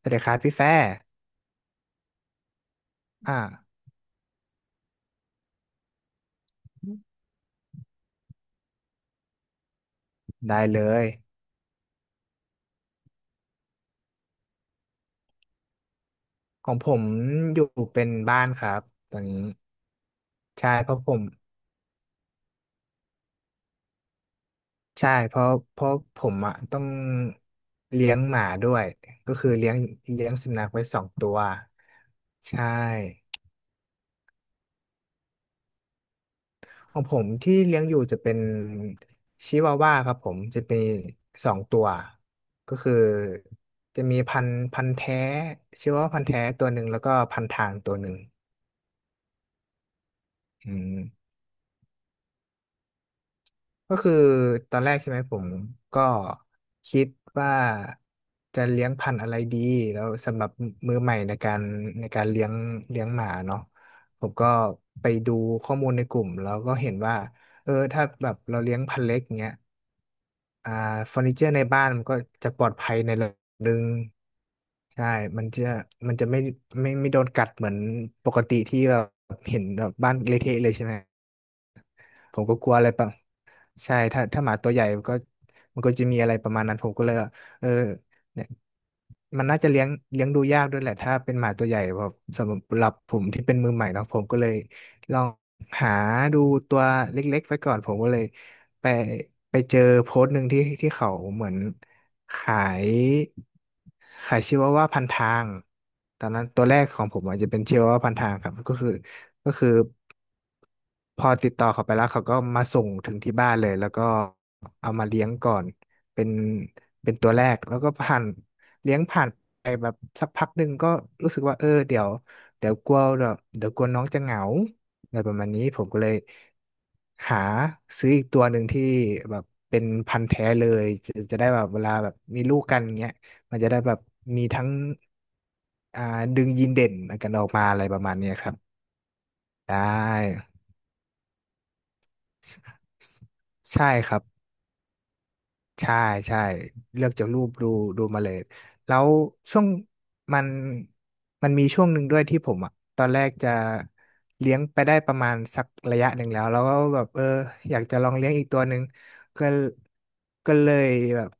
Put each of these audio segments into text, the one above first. สวัสดีครับพี่แฟร์อ่าได้เลย ของผมอยู่เป็นบ้านครับตอนนี้ใช่เพราะผมใช่เพราะเพราะผมอ่ะต้องเลี้ยงหมาด้วยก็คือเลี้ยงสุนัขไว้สองตัวใช่ของผมที่เลี้ยงอยู่จะเป็นชิวาว่าครับผมจะเป็นสองตัวก็คือจะมีพันธุ์แท้ชิวาว่าพันธุ์แท้ตัวหนึ่งแล้วก็พันทางตัวหนึ่งอืม ก็คือตอนแรกใช่ไหมผมก็คิดว่าจะเลี้ยงพันธุ์อะไรดีแล้วสำหรับมือใหม่ในการเลี้ยงหมาเนาะผมก็ไปดูข้อมูลในกลุ่มแล้วก็เห็นว่าเออถ้าแบบเราเลี้ยงพันธุ์เล็กเงี้ยอ่าเฟอร์นิเจอร์ในบ้านมันก็จะปลอดภัยในระดับหนึ่งใช่ มันจะมันจะไม่โดนกัดเหมือนปกติที่เบบเห็นแบบบ้านเละเทะเลยใช่ไหมผมก็กลัวอะไรปะ ใช่ถ้าหมาตัวใหญ่มันก็มันก็จะมีอะไรประมาณนั้นผมก็เลยว่าเออเนี่ยมันน่าจะเลี้ยงดูยากด้วยแหละถ้าเป็นหมาตัวใหญ่แบบสำหรับผมที่เป็นมือใหม่เนาะผมก็เลยลองหาดูตัวเล็กๆไว้ก่อนผมก็เลยไปเจอโพสต์หนึ่งที่เขาเหมือนขายชิวาว่าพันทางตอนนั้นตัวแรกของผมอาจจะเป็นชิวาว่าพันทางครับก็คือก็คือ พอติดต่อเขาไปแล้วเขาก็มาส่งถึงที่บ้านเลยแล้วก็เอามาเลี้ยงก่อนเป็นตัวแรกแล้วก็ผ่านเลี้ยงผ่านไปแบบสักพักหนึ่งก็รู้สึกว่าเออเดี๋ยวกลัวแบบเดี๋ยวกลัวน้องจะเหงาอะไรประมาณนี้ผมก็เลยหาซื้ออีกตัวหนึ่งที่แบบเป็นพันธุ์แท้เลยจะได้แบบเวลาแบบมีลูกกันเงี้ยมันจะได้แบบมีทั้งอ่าดึงยีนเด่นกันออกมาอะไรประมาณเนี้ยครับได้ ใช่ครับใช่ใช่เลือกจากรูปดูมาเลยแล้วช่วงมันมันมีช่วงหนึ่งด้วยที่ผมอ่ะตอนแรกจะเลี้ยงไปได้ประมาณสักระยะหนึ่งแล้วก็แบบเอออยากจะลองเลี้ยงอีกตัวหนึ่งก็ก็เลยแบบ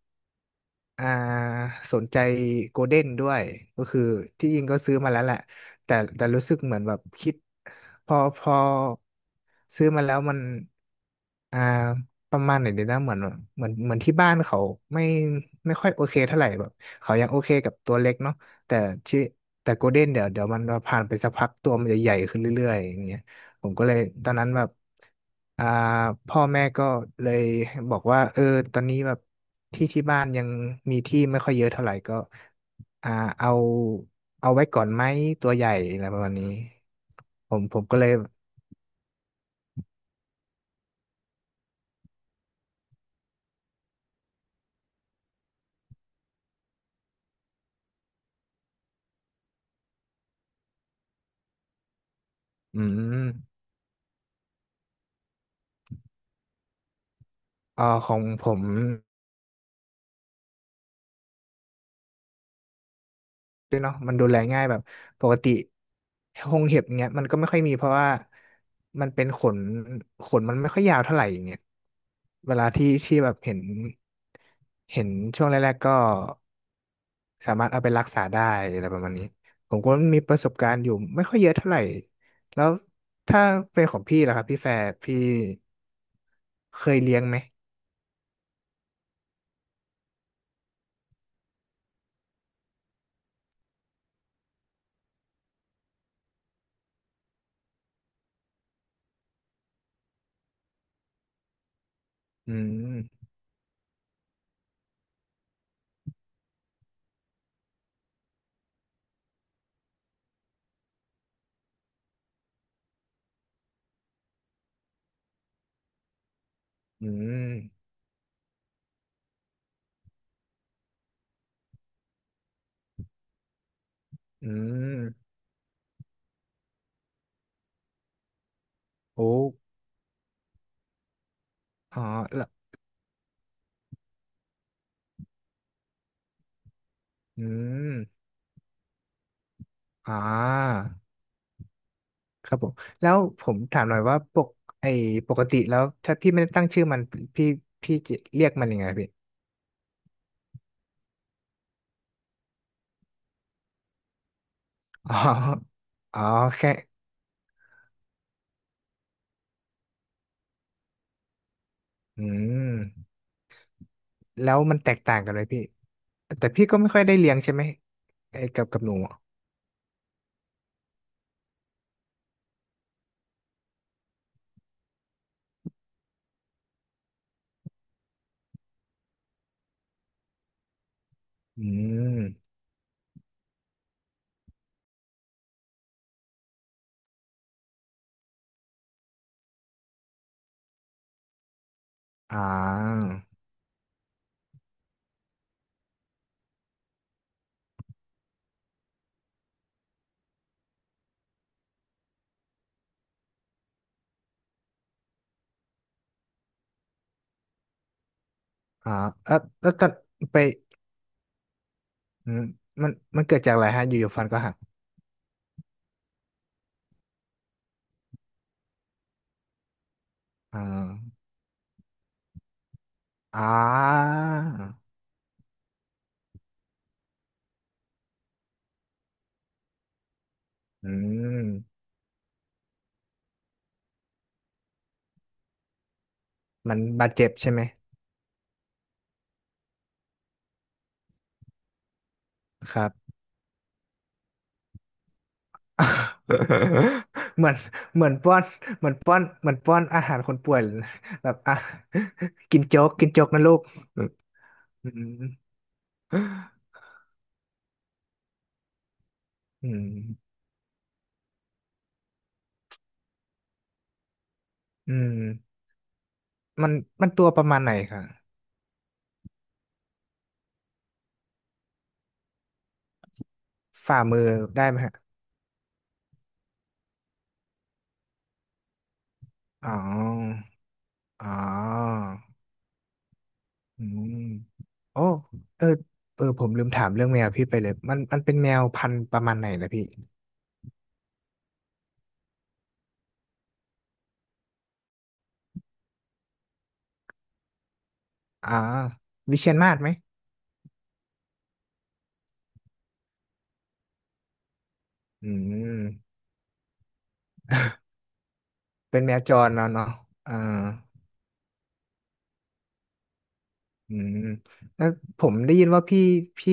อ่าสนใจโกลเด้นด้วยก็คือที่จริงก็ซื้อมาแล้วแหละแต่รู้สึกเหมือนแบบคิดพอซื้อมาแล้วมัน อ่าประมาณไหนดีนะเหมือนที่บ้านเขาไม่ค่อยโอเคเท่าไหร่แบบเขายังโอเคกับตัวเล็กเนาะแต่ชื่อแต่โกลเด้นเดี๋ยวมันผ่านไปสักพักตัวมันจะใหญ่ขึ้นเรื่อยๆอย่างเงี้ยผมก็เลยตอนนั้นแบบอ่าพ่อแม่ก็เลยบอกว่าเออตอนนี้แบบที่บ้านยังมีที่ไม่ค่อยเยอะเท่าไหร่ก็อ่าเอาไว้ก่อนไหมตัวใหญ่อะไรประมาณนี้ผมก็เลยอืมของผม ด้วยเนาะมันดูแลง่ายแบบปกติหงเห็บอย่างเงี้ยมันก็ไม่ค่อยมีเพราะว่ามันเป็นขนขนมันไม่ค่อยยาวเท่าไหร่อย่างเงี้ยเวลาที่แบบเห็นเห็นช่วงแรกๆก็สามารถเอาไปรักษาได้อะไรประมาณนี้ผมก็มีประสบการณ์อยู่ไม่ค่อยเยอะเท่าไหร่แล้วถ้าเป็นของพี่ล่ะครับพี่แฟร์พี่เคยเลี้ยงไหมอืมอืมอืมโอ้อ๋อแล้วอืมอ่า ครับผมแล้วผมถามหน่อยว่าปกไอปกติแล้วถ้าพี่ไม่ได้ตั้งชื่อมันพี่จะเรียกมันยังไงพี่อ๋ออ๋อแค่อืมแล้วมันแตกต่างกันเลยพี่แต่พี่ก็ไม่ค่อยได้เลี้ยงใช่ไหมไอ้กับหนูอะอืมอ่าอ่าแล้วตอนไปอืมมันเกิดจากอะไรฮะอยู่ๆฟันก็หักอ่าอ่าอืมมันบาดเจ็บใช่ไหมครับ เหมือนป้อนเหมือนป้อนอาหารคนป่วยเลยแบบอ่ะกินโจ๊กนะลูกอืมอืมอืมมันตัวประมาณไหนคะฝ่ามือได้ไหมฮะอ๋ออ๋ออืมโอ้เออผมลืมถามเรื่องแมวพี่ไปเลยมันเป็นแมวพันธุ์ประมาณไหนนะพี่อ๋อวิเชียรมาศไหมอืมเป็นแมวจรเนาะเนาะอ่า อืมแล้วผมได้ยินว่าพี่พี่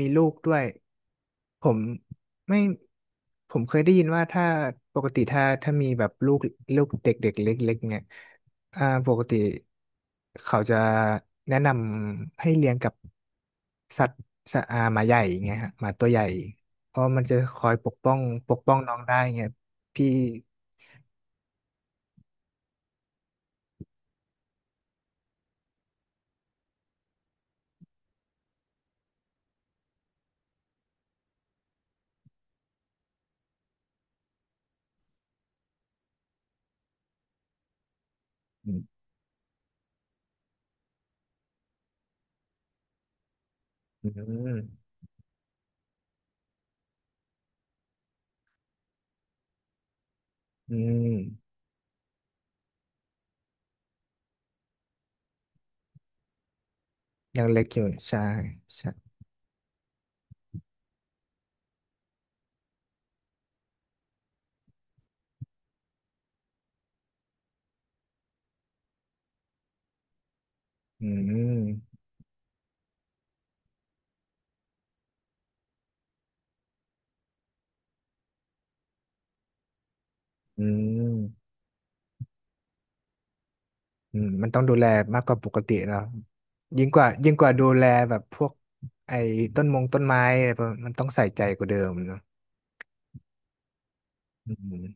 มีลูกด้วยผมไม่ผมเคยได้ยินว่าถ้าปกติถ้ามีแบบลูกเด็กๆเล็กๆเนี่ยอ่าปกติเขาจะแนะนำให้เลี้ยงกับสัตว์หมาใหญ่อย่างเงี้ยฮะหมาตัวใหญ่เพราะมันจะคอยปกป้องน้องได้เงี้ยพี่อืมอืมอืมยังเล็กอยู่ใช่ใช่อืมอืม อืมมันต้องดูแลมากกว่าปกติเนอะยิ่งกว่าดูแลแบบพวกไอ้ต้นมงต้นไม้อะไรพวกมันต้องใส่ใจกว่าเดิมเนอะอืม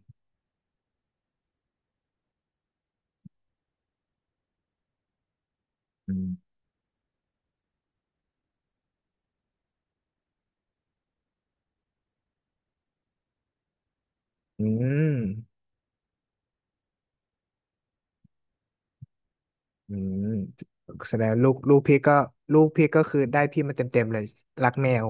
อืมอืมอืมแสดงลูกพี่ก็ลูกพี่ก็คือได้พี่มาเต็มๆเลยรักแมว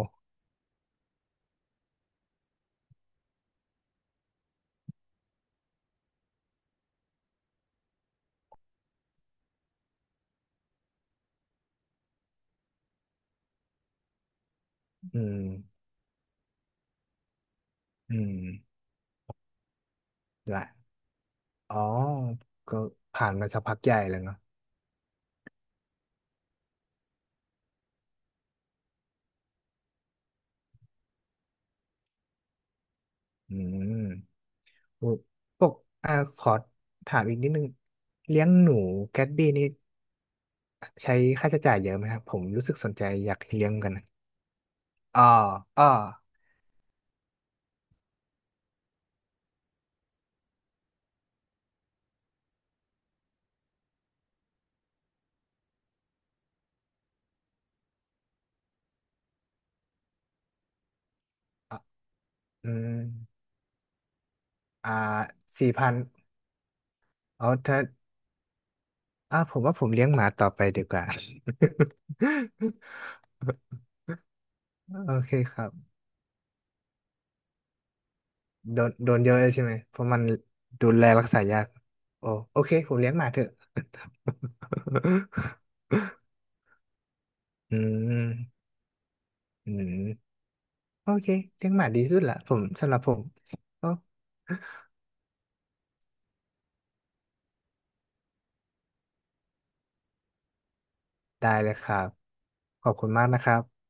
อืมอืมละอ๋อก็ผ่านมาสักพักใหญ่แล้วเนาะอืมพวกอ่าขอถามอีกนิดนึงเลี้ยงหนูแกตบี้นี่ ใช้ค่าใช้จ่ายเยอะไหมครับผมรู้สึกสนใจอยากเลี้ยงกันนอ่ออ่ะอืมอ่าสี่พันอ๋อถ้าผมว่าผมเลี้ยงหมาต่อไปดีกว่า โอเคครับโดนเยอะเลยใช่ไหมเพราะมันดูแลรักษายากโอ้โอเคผมเลี้ยงหมาเถอะ อืมอืมโอเคเลี้ยงหมาดีสุดละผมสำหรับผมก็ได้เลยครับขอบคุณมากนะครับ